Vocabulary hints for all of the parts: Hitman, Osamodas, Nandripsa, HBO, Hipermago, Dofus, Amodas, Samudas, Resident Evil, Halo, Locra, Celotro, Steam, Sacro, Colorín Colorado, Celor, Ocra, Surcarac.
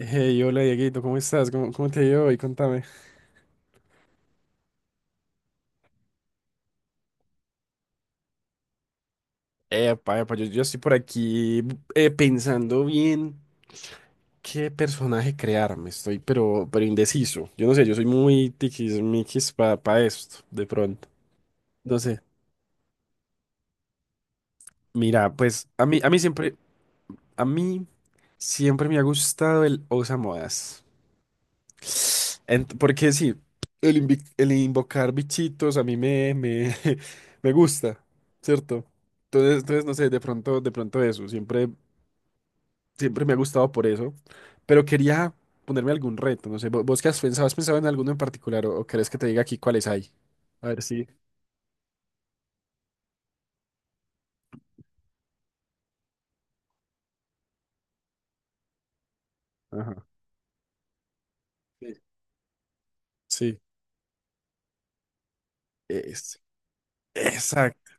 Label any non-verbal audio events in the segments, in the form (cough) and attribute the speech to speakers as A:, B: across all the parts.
A: Hey, hola Dieguito, ¿cómo estás? ¿¿Cómo te ha ido hoy? Contame. Epa, epa, yo estoy por aquí pensando bien qué personaje crearme. Estoy, pero indeciso. Yo no sé, yo soy muy tiquismiquis para pa esto, de pronto. No sé. Mira, pues a mí siempre me ha gustado el Osamodas. Porque sí, el invocar bichitos a mí (laughs) me gusta, ¿cierto? Entonces, no sé, de pronto eso, siempre me ha gustado por eso, pero quería ponerme algún reto, no sé, ¿vos, qué has pensado? ¿Has pensado en alguno en particular o querés que te diga aquí cuáles hay? A ver si. Ajá. Sí. Sí. Es- exacto,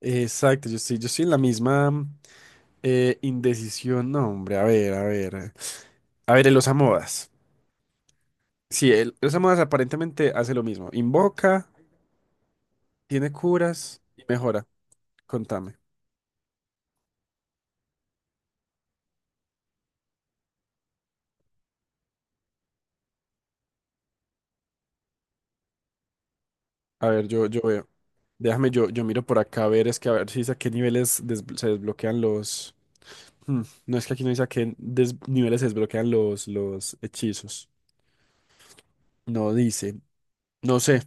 A: yo estoy en la misma indecisión, no, hombre, a ver, a ver. A ver, el osamodas. Sí, el Samudas aparentemente hace lo mismo. Invoca, tiene curas y mejora. Contame. A ver, yo veo. Déjame, yo miro por acá a ver, es que a ver si dice a qué niveles se desbloquean los. Hmm, no es que aquí no dice a qué niveles se desbloquean los hechizos. No dice. No sé.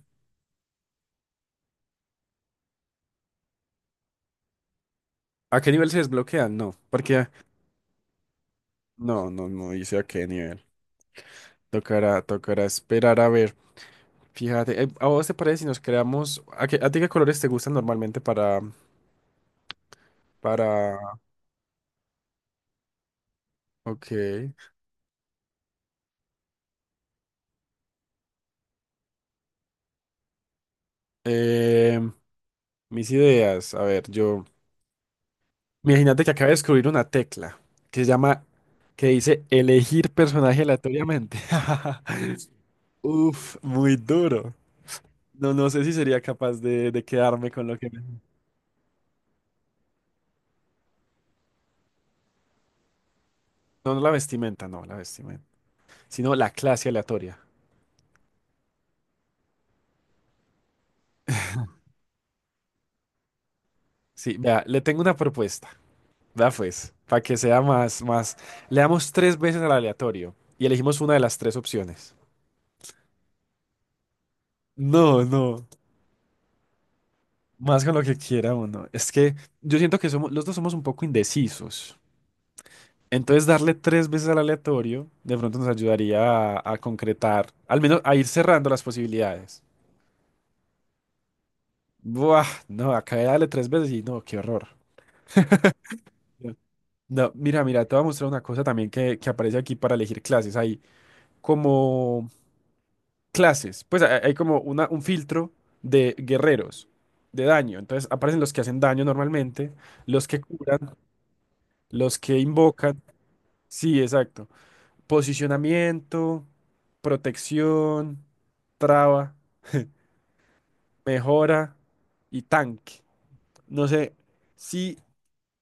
A: ¿A qué nivel se desbloquean? No. Porque. No, no, no dice a qué nivel. Tocará, tocará esperar a ver. Fíjate, ¿a vos te parece si nos creamos? ¿A, a ti qué colores te gustan normalmente para, para? Ok. Em, Mis ideas. A ver, yo. Imagínate que acabo de descubrir una tecla que se llama, que dice elegir personaje aleatoriamente. (laughs) Uf, muy duro. No, no sé si sería capaz de quedarme con lo que me... No, no la vestimenta, no, la vestimenta, sino la clase aleatoria. Sí, vea, le tengo una propuesta. Vea pues, para que sea más, más. Le damos tres veces al aleatorio y elegimos una de las tres opciones. No, no. Más con lo que quiera uno. Es que yo siento que somos, los dos somos un poco indecisos. Entonces, darle tres veces al aleatorio de pronto nos ayudaría a concretar, al menos a ir cerrando las posibilidades. Buah, no, acá de darle tres veces y no, qué horror. No, mira, mira, te voy a mostrar una cosa también que aparece aquí para elegir clases. Hay como clases, pues hay como una, un filtro de guerreros, de daño. Entonces aparecen los que hacen daño normalmente, los que curan, los que invocan. Sí, exacto. Posicionamiento, protección, traba, mejora y tanque. No sé si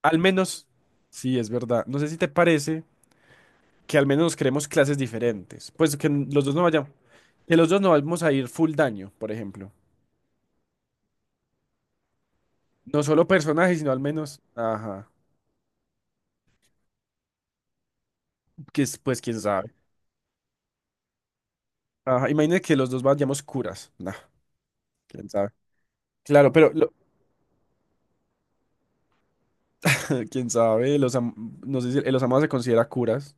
A: al menos, sí, es verdad. No sé si te parece que al menos creemos clases diferentes. Pues que los dos no vayamos, que los dos no vamos a ir full daño, por ejemplo. No solo personajes, sino al menos, ajá, que es, pues quién sabe. Ajá, imagina que los dos vayamos curas. Nah, quién sabe. Claro, pero lo- (laughs) quién sabe, no sé si los amados se considera curas.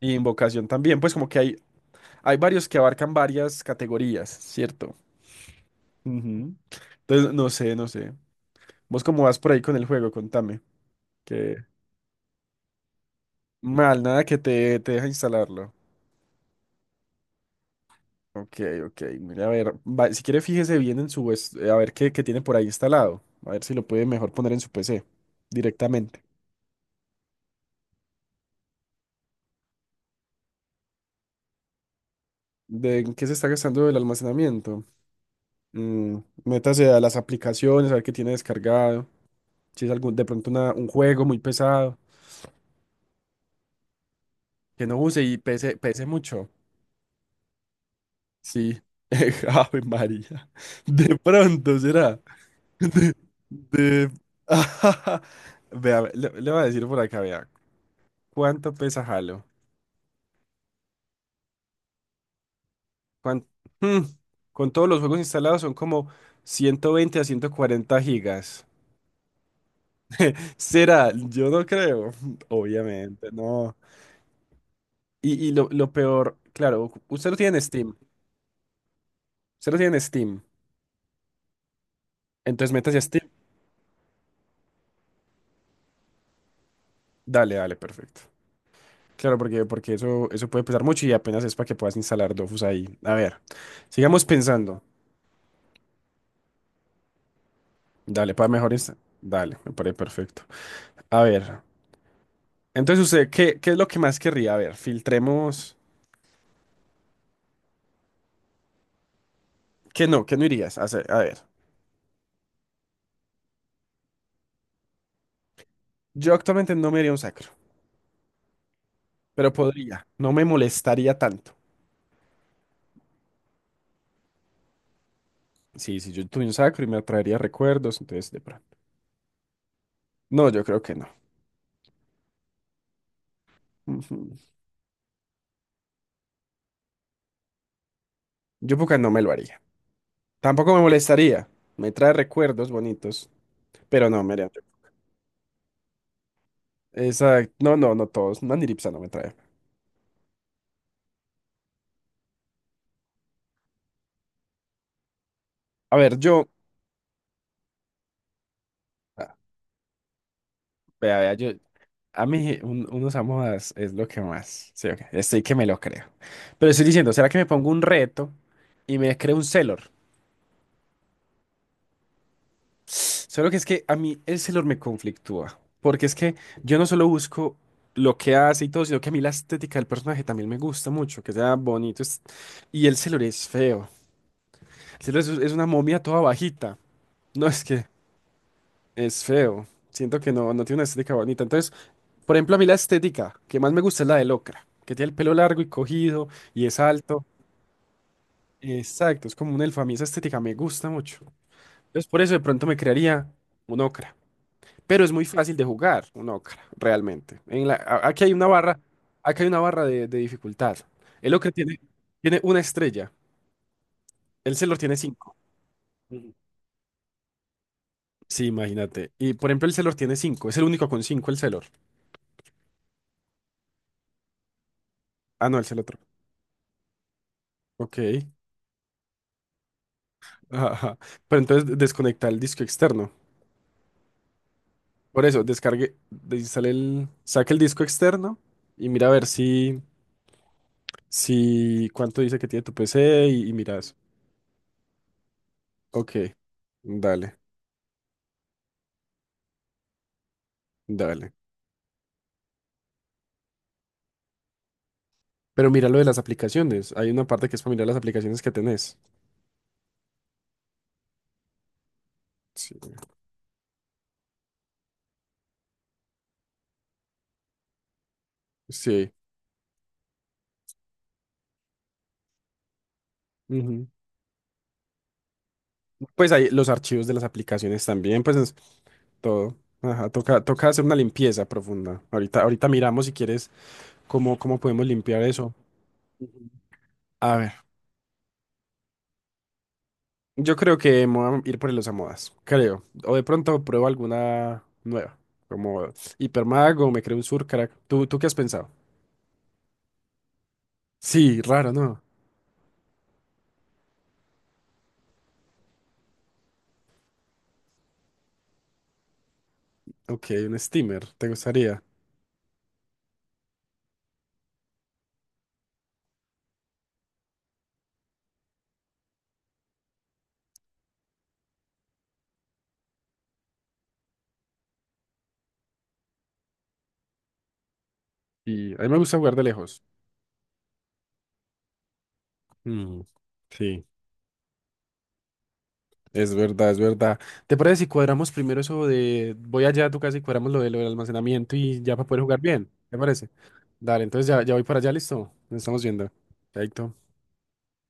A: Y invocación también, pues como que hay varios que abarcan varias categorías, ¿cierto? Ujú. Entonces, no sé, no sé. ¿Vos cómo vas por ahí con el juego? Contame. Que mal, nada que te deja instalarlo. Ok, ok. Mira, a ver, si quiere fíjese bien en su, a ver qué, qué tiene por ahí instalado. A ver si lo puede mejor poner en su PC directamente. ¿De en qué se está gastando el almacenamiento? Mm, métase a las aplicaciones, a ver qué tiene descargado. Si es algún, de pronto un juego muy pesado. Que no use y pese, pese mucho. Sí. (laughs) Ave María. De pronto será. De, de... (laughs) Vea, le voy a decir por acá, vea. ¿Cuánto pesa Halo? ¿Cuán- mm, con todos los juegos instalados son como 120 a 140 gigas. (laughs) ¿Será? Yo no creo. (laughs) Obviamente, no. Y, lo peor, claro, usted lo tiene en Steam. Usted lo tiene en Steam. Entonces métase a Steam. Dale, dale, perfecto. Claro, porque eso puede pesar mucho y apenas es para que puedas instalar Dofus ahí. A ver, sigamos pensando. Dale, para mejor insta- Dale, me parece perfecto. A ver, entonces usted, ¿qué, qué es lo que más querría? A ver, filtremos. ¿Qué no? ¿Qué no irías a hacer? A ver, yo actualmente no me iría a un sacro, pero podría. No me molestaría tanto. Sí, sí, yo tuve un sacro y me traería recuerdos, entonces de pronto. No, yo creo que no. Ujú. Yo porque no me lo haría. Tampoco me molestaría. Me trae recuerdos bonitos, pero no, me haría. Exacto. No, no, no todos. Nandripsa no me trae. A ver, yo. Ah, vea, yo. A mí, unos amodas es lo que más. Sí, ok, estoy que me lo creo. Pero estoy diciendo, ¿será que me pongo un reto y me creo un Celor? Solo que es que a mí el Celor me conflictúa. Porque es que yo no solo busco lo que hace y todo, sino que a mí la estética del personaje también me gusta mucho, que sea bonito. Y el Celor es feo. El Celor es una momia toda bajita. No es que es feo. Siento que no, no tiene una estética bonita. Entonces. Por ejemplo, a mí la estética que más me gusta es la de Locra, que tiene el pelo largo y cogido y es alto. Exacto, es como un elfo. A mí esa estética me gusta mucho. Entonces, por eso de pronto me crearía un Ocra. Pero es muy fácil de jugar un Ocra, realmente. Aquí hay una barra, aquí hay una barra de dificultad. El Ocra tiene, tiene una estrella, el Celor tiene cinco. Ujú. Sí, imagínate. Y por ejemplo, el Celor tiene cinco, es el único con cinco el Celor. Ah, no, el Celotro. Ok. (laughs) Ajá. Pero entonces desconecta el disco externo. Por eso, descargue, desinstale el, saque el disco externo y mira a ver si, si cuánto dice que tiene tu PC y mira eso. Ok, dale, dale. Pero mira lo de las aplicaciones. Hay una parte que es para mirar las aplicaciones que tenés. Sí. Sí. Ujú. Pues hay los archivos de las aplicaciones también, pues es todo. Ajá, toca, toca hacer una limpieza profunda. Ahorita, ahorita miramos si quieres cómo, cómo podemos limpiar eso. Ujú. A ver. Yo creo que me voy a ir por el modas creo. O de pronto pruebo alguna nueva, como Hipermago, me creo un Surcarac. ¿¿Tú qué has pensado? Sí, raro, ¿no? Ok, un steamer, te gustaría. Y a mí me gusta jugar de lejos. Mm, sí, es verdad, es verdad. ¿Te parece si cuadramos primero eso de voy allá a tu casa y cuadramos lo lo del almacenamiento y ya para poder jugar bien? ¿Te parece? Dale, entonces ya, ya voy para allá, listo. Nos estamos viendo. Chaito.